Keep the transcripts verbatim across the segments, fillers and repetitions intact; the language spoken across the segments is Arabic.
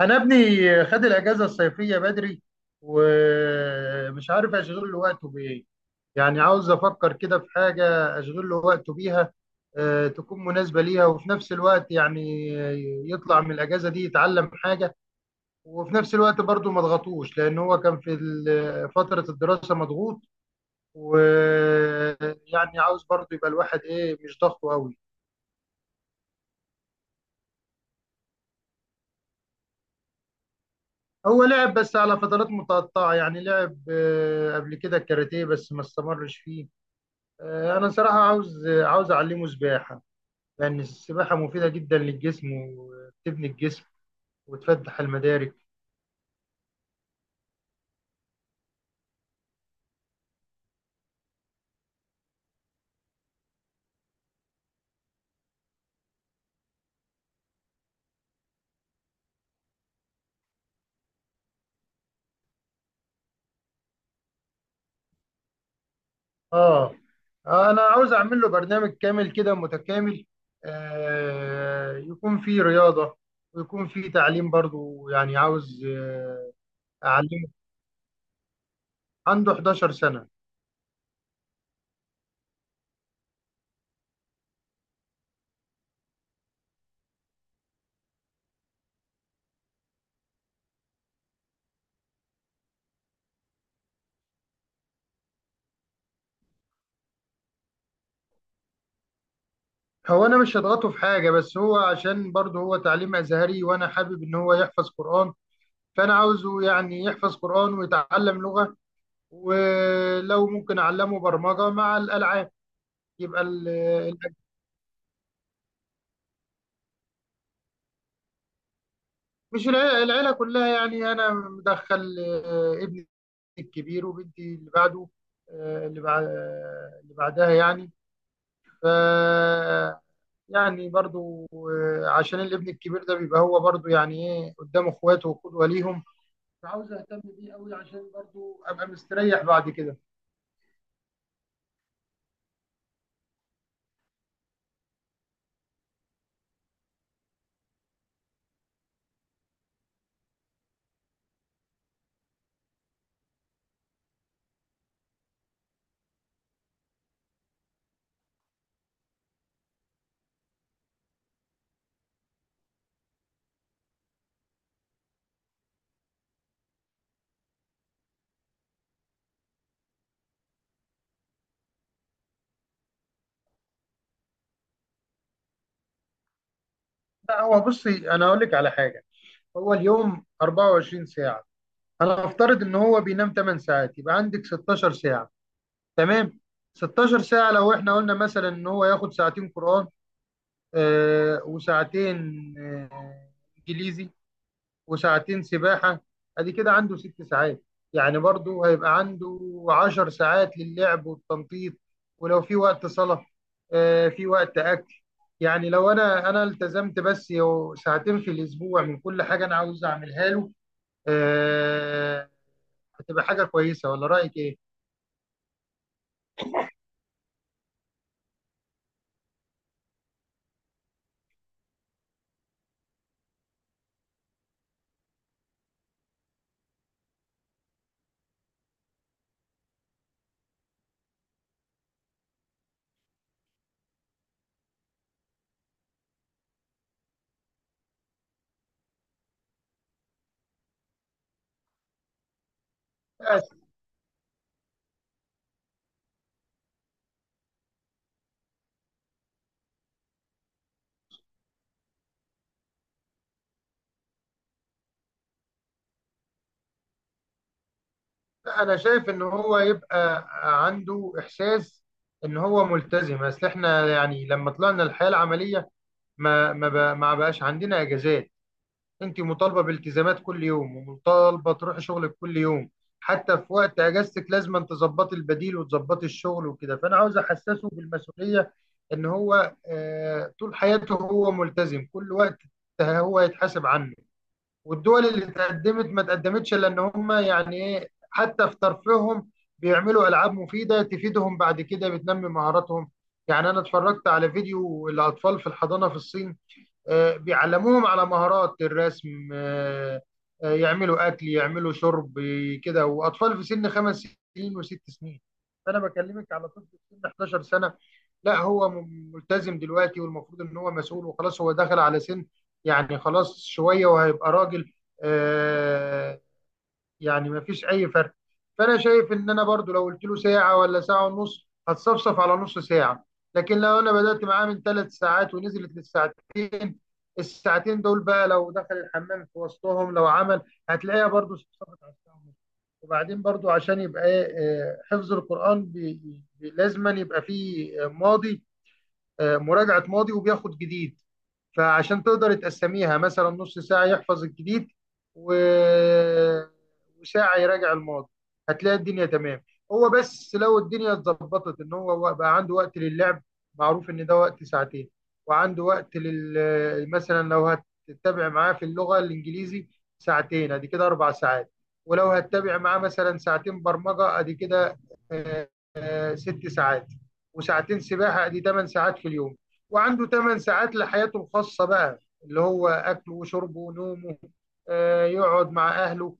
انا ابني خد الاجازه الصيفيه بدري، ومش عارف اشغل له وقته بايه. يعني عاوز افكر كده في حاجه اشغل له وقته بيها، آه، تكون مناسبه ليها، وفي نفس الوقت يعني يطلع من الاجازه دي يتعلم حاجه، وفي نفس الوقت برضه ما اضغطوش، لان هو كان في ال- فتره الدراسه مضغوط. ويعني عاوز برضه يبقى الواحد ايه، مش ضغطه قوي. هو لعب بس على فترات متقطعة، يعني لعب آه، قبل كده الكاراتيه، بس ما استمرش فيه. آه، انا صراحه عاوز عاوز اعلمه سباحه، لان السباحه مفيده جدا للجسم، وبتبني الجسم وتفتح المدارك. اه. آه، انا عاوز اعمل له برنامج كامل كده متكامل، آه يكون فيه رياضه، ويكون فيه تعليم برضو. يعني عاوز آه، اعلمه. عنده حداشر سنه. هو انا مش هضغطه في حاجه، بس هو عشان برضو هو تعليم ازهري، وانا حابب ان هو يحفظ قران. فانا عاوزه يعني يحفظ قران ويتعلم لغه، ولو ممكن اعلمه برمجه مع الالعاب، يبقى ال- الأج- مش العيله العيلة كلها يعني انا مدخل آه، ابني الكبير، وبنتي اللي بعده، آه، اللي بعد اللي بعدها يعني. ف يعني برضو آه، عشان الابن الكبير ده بيبقى هو برضو يعني ايه، قدام اخواته وقدوه ليهم، فعاوز اهتم بيه قوي، عشان برضو ابقى مستريح بعد كده. لا هو بصي، انا اقول لك على حاجه. هو اليوم أربعة وعشرين ساعه، انا افترض ان هو بينام ثماني ساعات، يبقى عندك ستاشر ساعة. تمام. ستاشر ساعة لو احنا قلنا مثلا ان هو ياخد ساعتين قرآن، آه وساعتين آه انجليزي، وساعتين سباحة، ادي كده عنده ست ساعات. يعني برضو هيبقى عنده عشر ساعات للعب والتنطيط. ولو في وقت صلاة، آه في وقت اكل، يعني لو انا انا التزمت بس يو- ساعتين في الاسبوع من كل حاجة انا عاوز اعملها له، آه، هتبقى حاجة كويسة، ولا رأيك إيه؟ بس أنا شايف إن هو يبقى عنده إحساس إن هو ملتزم. أصل إحنا يعني لما طلعنا الحياة العملية ما ما بقى- ما بقاش عندنا إجازات. أنت مطالبة بالتزامات كل يوم، ومطالبة تروحي شغلك كل يوم. حتى في وقت إجازتك لازم أن تظبطي البديل وتظبطي الشغل وكده. فأنا عاوز أحسسه بالمسؤولية، إن هو آه، طول حياته هو ملتزم، كل وقت هو يتحاسب عنه. والدول اللي تقدمت ما تقدمتش الا ان هم يعني ايه، حتى في ترفيههم بيعملوا العاب مفيده تفيدهم بعد كده، بتنمي مهاراتهم. يعني انا اتفرجت على فيديو الاطفال في الحضانه في الصين، آه، بيعلموهم على مهارات الرسم، آه، آه، يعملوا اكل، يعملوا شرب، آه، كده. واطفال في سن خمس سنين وست سنين، فانا بكلمك على طفل في سن حداشر سنه. لا هو م- ملتزم دلوقتي، والمفروض ان هو مسؤول، وخلاص هو دخل على سن يعني خلاص شويه وهيبقى راجل. آه يعني ما فيش اي فرق. فانا شايف ان انا برضو لو قلت له ساعه ولا ساعه ونص هتصفصف على نص ساعه، لكن لو انا بدات معاه من ثلاث ساعات ونزلت للساعتين، الساعتين دول بقى لو دخل الحمام في وسطهم لو عمل، هتلاقيها برضو صفصفت على الساعه ونص. وبعدين برضو عشان يبقى إيه، آه، حفظ القران بي- بي- لازما يبقى فيه آه، ماضي، آه، مراجعه ماضي وبياخد جديد. فعشان تقدر تقسميها مثلا نص ساعة يحفظ الجديد و- وساعة يراجع الماضي، هتلاقي الدنيا تمام. هو بس لو الدنيا اتظبطت ان هو بقى عنده وقت للعب، معروف ان ده وقت ساعتين. وعنده وقت لل، مثلا لو هتتابع معاه في اللغة الانجليزي ساعتين، ادي كده اربع ساعات. ولو هتتابع معاه مثلا ساعتين برمجة، ادي كده آه، ست ساعات، وساعتين سباحة، دي تمن ساعات في اليوم. وعنده ثماني ساعات لحياته الخاصة بقى، اللي هو أكله وشربه ونومه، آه، يقعد مع أهله.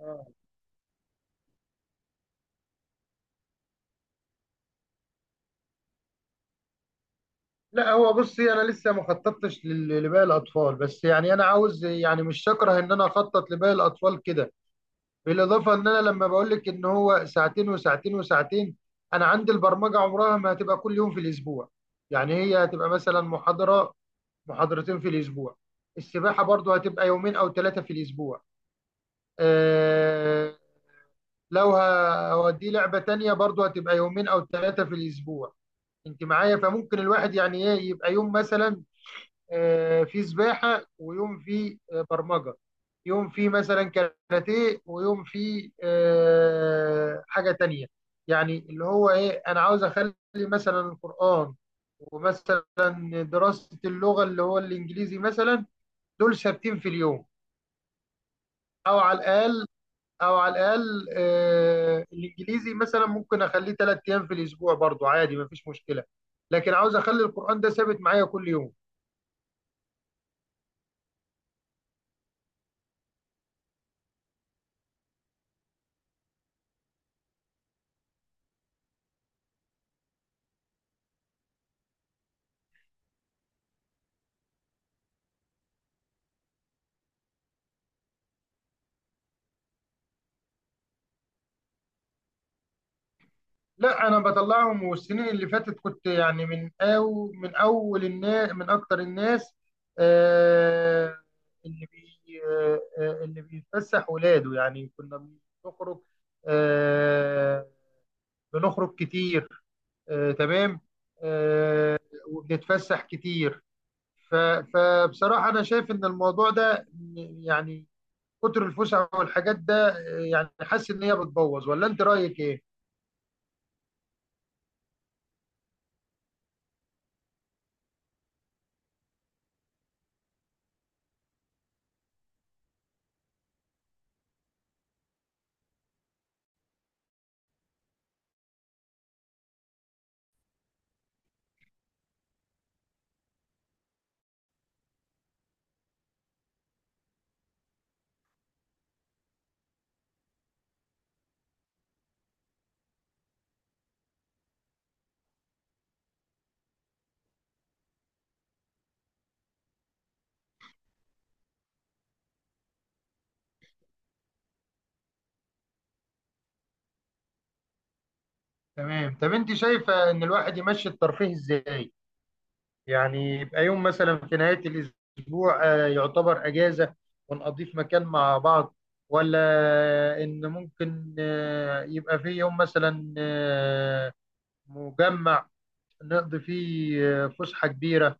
آه. لا هو بصي، أنا لسه ما خططتش لل- لباقي الأطفال، بس يعني أنا عاوز، يعني مش شاكره إن أنا أخطط لباقي الأطفال كده. بالإضافة إن أنا لما بقول لك إن هو ساعتين وساعتين وساعتين، أنا عندي البرمجة عمرها ما هتبقى كل يوم في الأسبوع. يعني هي هتبقى مثلا محاضرة محاضرتين في الأسبوع. السباحة برضو هتبقى يومين أو ثلاثة في الأسبوع. آه، لو هوديه لعبة تانية برضو هتبقى يومين أو ثلاثة في الأسبوع، أنت معايا. فممكن الواحد يعني إيه، يبقى يوم مثلا آه، فيه سباحة، ويوم فيه آه، برمجة، يوم فيه مثلا كاراتيه، ويوم فيه آه، حاجة تانية. يعني اللي هو إيه، أنا عاوز أخلي مثلا القرآن، ومثلا دراسة اللغة اللي هو الإنجليزي مثلا، دول ثابتين في اليوم. او على الاقل، او على الاقل آه الانجليزي مثلا ممكن اخليه ثلاث ايام في الاسبوع برضو عادي، مفيش مشكله. لكن عاوز اخلي القران ده ثابت معايا كل يوم. لا انا بطلعهم، والسنين اللي فاتت كنت يعني من أو من اول الناس، من اكتر الناس آه اللي بي آه آه، اللي بيتفسح ولاده. يعني كنا بنخرج، آه بنخرج كتير، آه، تمام، آه، وبنتفسح كتير. ف- فبصراحة أنا شايف إن الموضوع ده م- يعني كتر الفسح والحاجات ده، آه، يعني حاسس إن هي بتبوظ، ولا أنت رأيك إيه؟ تمام. طب أنت شايفة إن الواحد يمشي الترفيه إزاي؟ يعني يبقى يوم مثلا في نهاية الأسبوع آه، يعتبر أجازة، ونقضيه في مكان مع بعض، ولا إن ممكن آه، يبقى في يوم مثلا آه، مجمع نقضي فيه آه، فسحة كبيرة.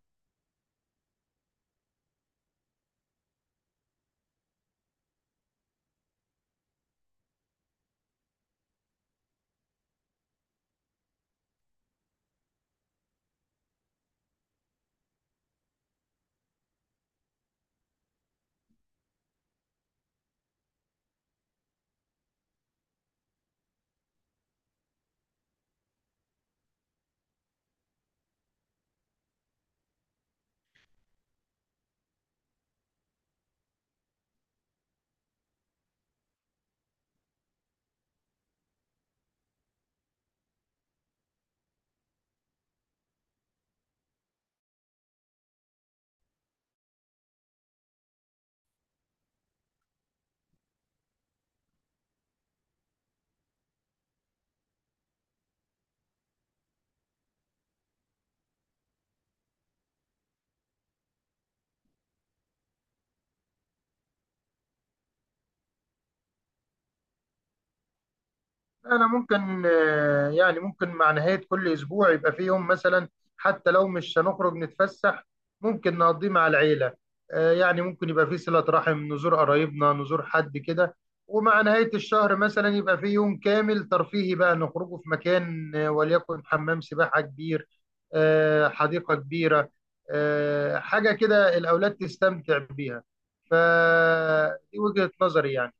أنا ممكن آه، يعني ممكن مع نهاية كل أسبوع يبقى فيه يوم مثلا، حتى لو مش هنخرج نتفسح ممكن نقضيه مع العيلة. آه، يعني ممكن يبقى فيه صلة رحم، نزور قرايبنا، نزور حد كده. ومع نهاية الشهر مثلا يبقى فيه يوم كامل ترفيهي بقى، نخرجه في مكان، آه، وليكن حمام سباحة كبير، آه، حديقة كبيرة، آه، حاجة كده الأولاد تستمتع بيها. فدي وجهة نظري يعني.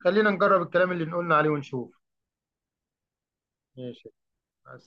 خلينا نجرب الكلام اللي قلنا عليه ونشوف. ماشي، مع السلامة.